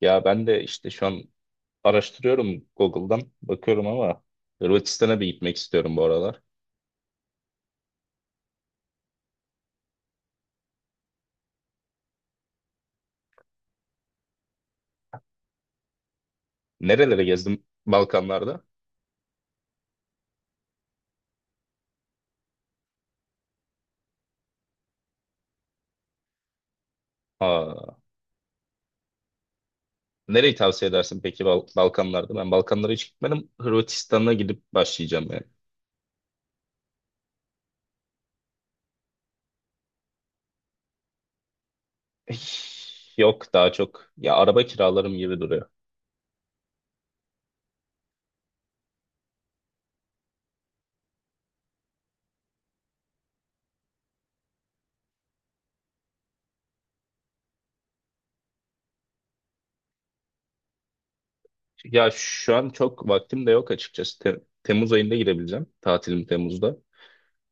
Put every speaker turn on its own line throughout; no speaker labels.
Ya ben de işte şu an araştırıyorum Google'dan bakıyorum ama Hırvatistan'a bir gitmek istiyorum bu aralar. Nerelere gezdim Balkanlarda? Aa, nereyi tavsiye edersin peki Balkanlarda? Ben Balkanlara hiç gitmedim. Hırvatistan'a gidip başlayacağım yani. Eh, Yok daha çok. Ya araba kiralarım gibi duruyor. Ya şu an çok vaktim de yok açıkçası. Temmuz ayında girebileceğim. Tatilim Temmuz'da.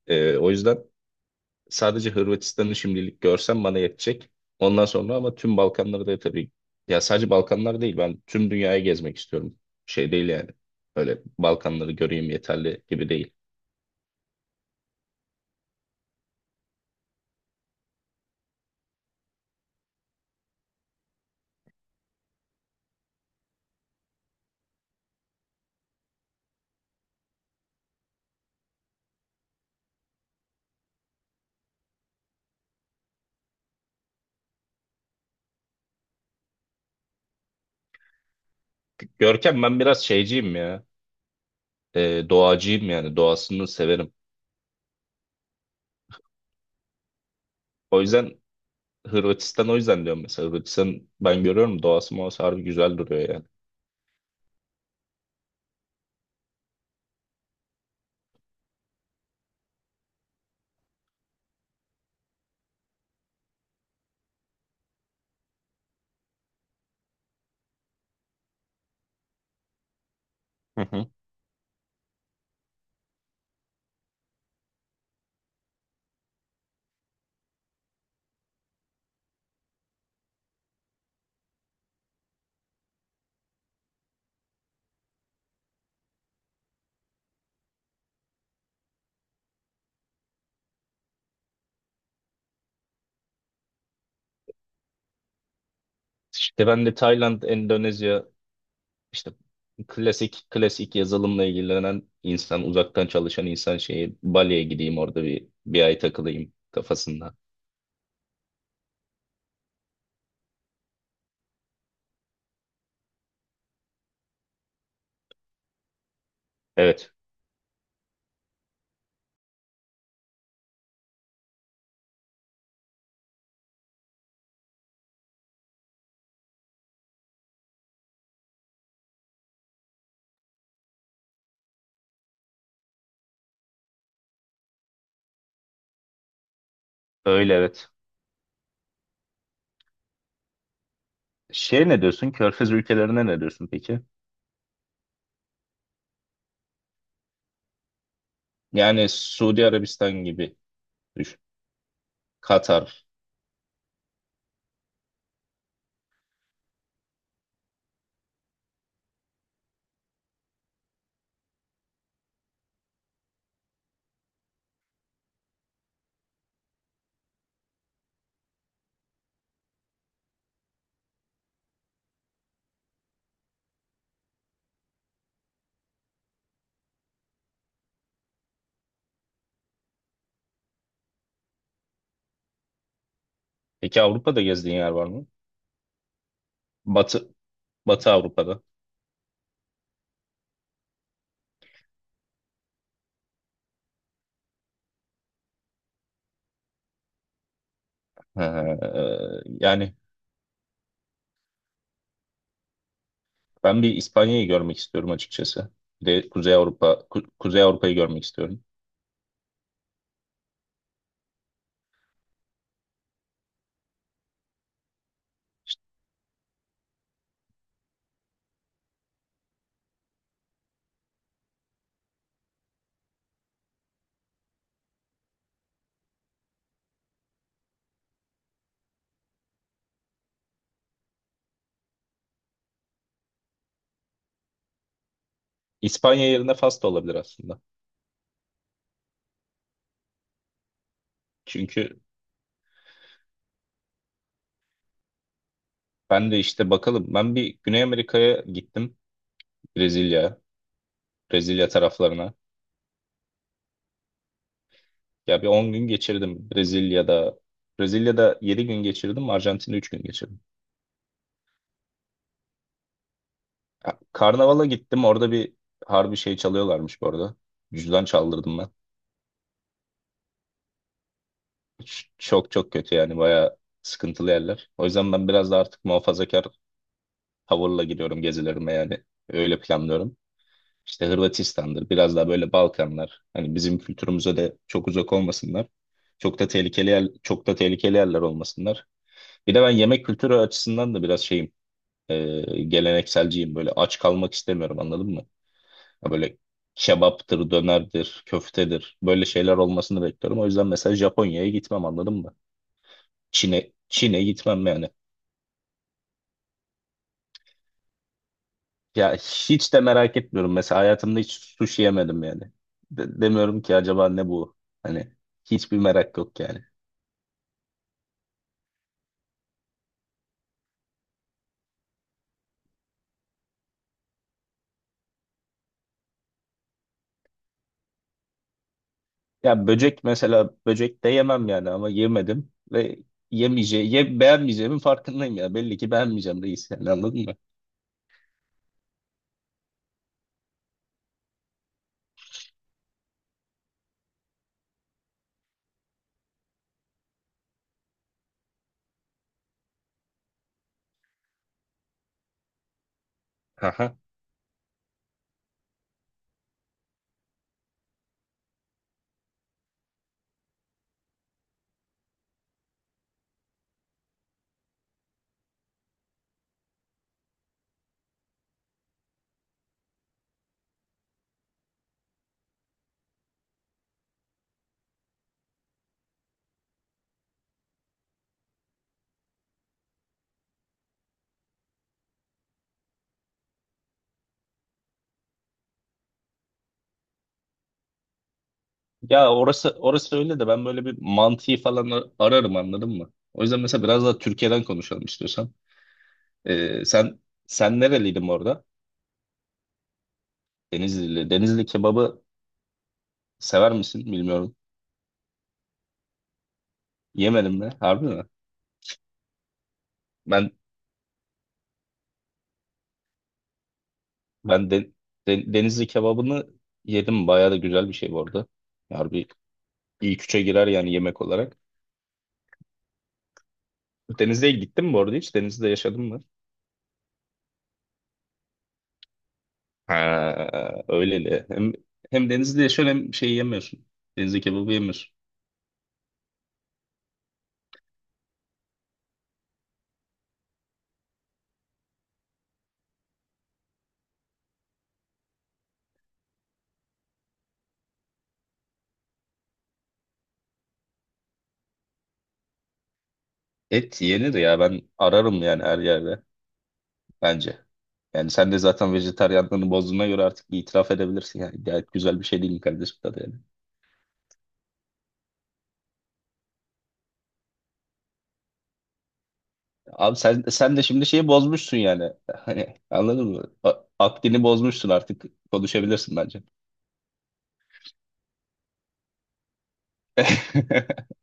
O yüzden sadece Hırvatistan'ı şimdilik görsem bana yetecek. Ondan sonra ama tüm Balkanları da tabii, ya sadece Balkanlar değil, ben tüm dünyayı gezmek istiyorum. Şey değil yani. Öyle Balkanları göreyim yeterli gibi değil. Görkem, ben biraz şeyciyim ya. Doğacıyım yani, doğasını severim. O yüzden Hırvatistan, o yüzden diyorum mesela Hırvatistan, ben görüyorum doğası muhası harbi güzel duruyor yani. Hı hı. İşte ben de Tayland, Endonezya, İşte klasik klasik yazılımla ilgilenen insan, uzaktan çalışan insan şeyi, Bali'ye gideyim orada bir ay takılayım kafasında. Evet, öyle evet. Şey, ne diyorsun? Körfez ülkelerine ne diyorsun peki? Yani Suudi Arabistan gibi düşün. Katar. Peki Avrupa'da gezdiğin yer var mı? Batı Batı Avrupa'da. Ha, yani ben bir İspanya'yı görmek istiyorum açıkçası. Bir de Kuzey Kuzey Avrupa'yı görmek istiyorum. İspanya yerine Fas da olabilir aslında. Çünkü ben de işte bakalım. Ben bir Güney Amerika'ya gittim. Brezilya, Brezilya taraflarına. Ya bir 10 gün geçirdim Brezilya'da. Brezilya'da 7 gün geçirdim. Arjantin'de 3 gün geçirdim. Ya, Karnavala gittim. Orada bir harbi şey çalıyorlarmış bu arada. Cüzdan çaldırdım ben. Çok çok kötü yani. Bayağı sıkıntılı yerler. O yüzden ben biraz da artık muhafazakar tavırla gidiyorum gezilerime yani. Öyle planlıyorum. İşte Hırvatistan'dır. Biraz daha böyle Balkanlar. Hani bizim kültürümüze de çok uzak olmasınlar. Çok da tehlikeli yer, çok da tehlikeli yerler olmasınlar. Bir de ben yemek kültürü açısından da biraz şeyim, gelenekselciyim. Böyle aç kalmak istemiyorum, anladın mı? Ya böyle kebaptır, dönerdir, köftedir. Böyle şeyler olmasını bekliyorum. O yüzden mesela Japonya'ya gitmem, anladın mı? Çin'e gitmem yani. Ya hiç de merak etmiyorum. Mesela hayatımda hiç sushi yemedim yani. De- demiyorum ki acaba ne bu? Hani hiçbir merak yok yani. Ya böcek, mesela böcek de yemem yani, ama yemedim ve yemeyeceğim, beğenmeyeceğimin farkındayım ya. Belli ki beğenmeyeceğim reis, yani anladın mı? Aha. Ya orası öyle de, ben böyle bir mantıyı falan ararım, anladın mı? O yüzden mesela biraz daha Türkiye'den konuşalım istiyorsan. Ee, sen sen nereliydin orada? Denizlili. Denizli kebabı sever misin bilmiyorum. Yemedim mi? Harbi mi? Ben ben de Denizli kebabını yedim. Bayağı da güzel bir şey bu arada. Harbi ilk üçe girer yani yemek olarak. Denizli'ye gittin mi bu arada hiç? Denizli'de yaşadın mı? Ha, öyleli. Hem Denizli'de yaşıyorsun, hem şey yemiyorsun. Denizli kebabı yemiyorsun. Et yenir ya, ben ararım yani her yerde bence. Yani sen de zaten vejetaryenliğini bozduğuna göre artık bir itiraf edebilirsin. Yani gayet güzel bir şey değil mi kardeşim, tadı yani? Abi sen de şimdi şeyi bozmuşsun yani. Hani anladın mı? Akdini bozmuşsun artık. Konuşabilirsin bence.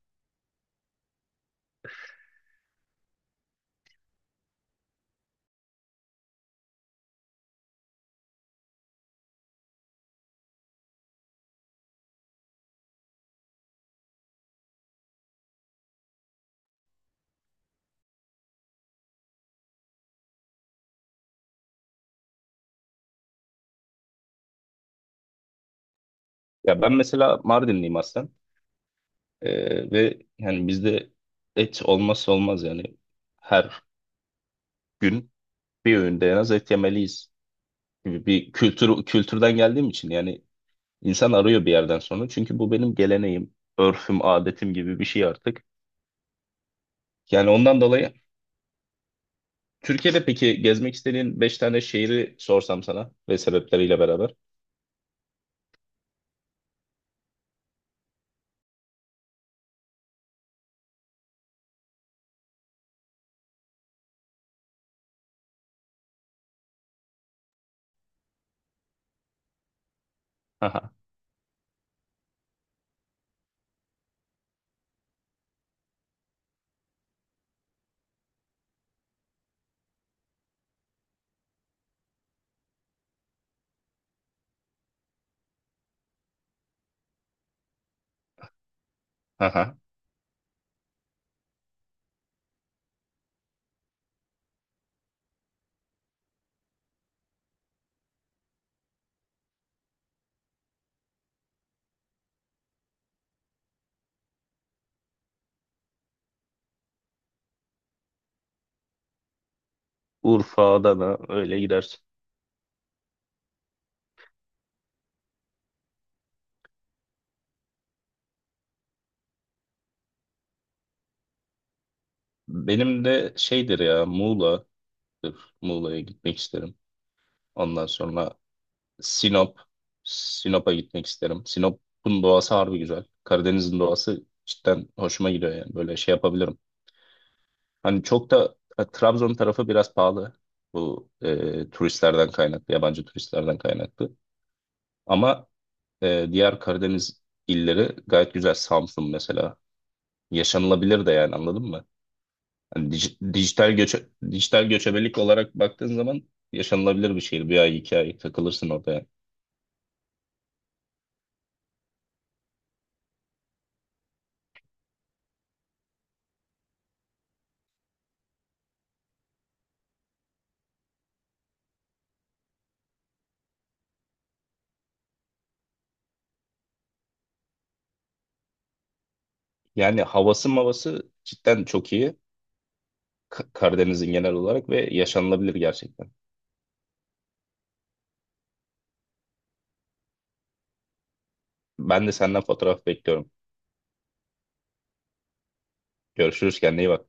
Ya ben mesela Mardinliyim aslen. Ve yani bizde et olmazsa olmaz yani. Her gün bir öğünde en az et yemeliyiz gibi bir kültürden geldiğim için, yani insan arıyor bir yerden sonra. Çünkü bu benim geleneğim, örfüm, adetim gibi bir şey artık. Yani ondan dolayı, Türkiye'de peki gezmek istediğin 5 tane şehri sorsam sana ve sebepleriyle beraber. Aha, aha. Urfa, Adana öyle gidersin. Benim de şeydir ya, Muğla'dır. Muğla'ya gitmek isterim. Ondan sonra Sinop. Sinop'a gitmek isterim. Sinop'un doğası harbi güzel. Karadeniz'in doğası cidden hoşuma gidiyor yani. Böyle şey yapabilirim. Hani çok da Trabzon tarafı biraz pahalı. Bu turistlerden kaynaklı, yabancı turistlerden kaynaklı. Ama diğer Karadeniz illeri gayet güzel. Samsun mesela yaşanılabilir de yani, anladın mı? Hani dijital göçebelik olarak baktığın zaman yaşanılabilir bir şehir. Bir ay, 2 ay takılırsın orada yani. Yani havası mavası cidden çok iyi. Karadeniz'in genel olarak, ve yaşanılabilir gerçekten. Ben de senden fotoğraf bekliyorum. Görüşürüz, kendine iyi bak.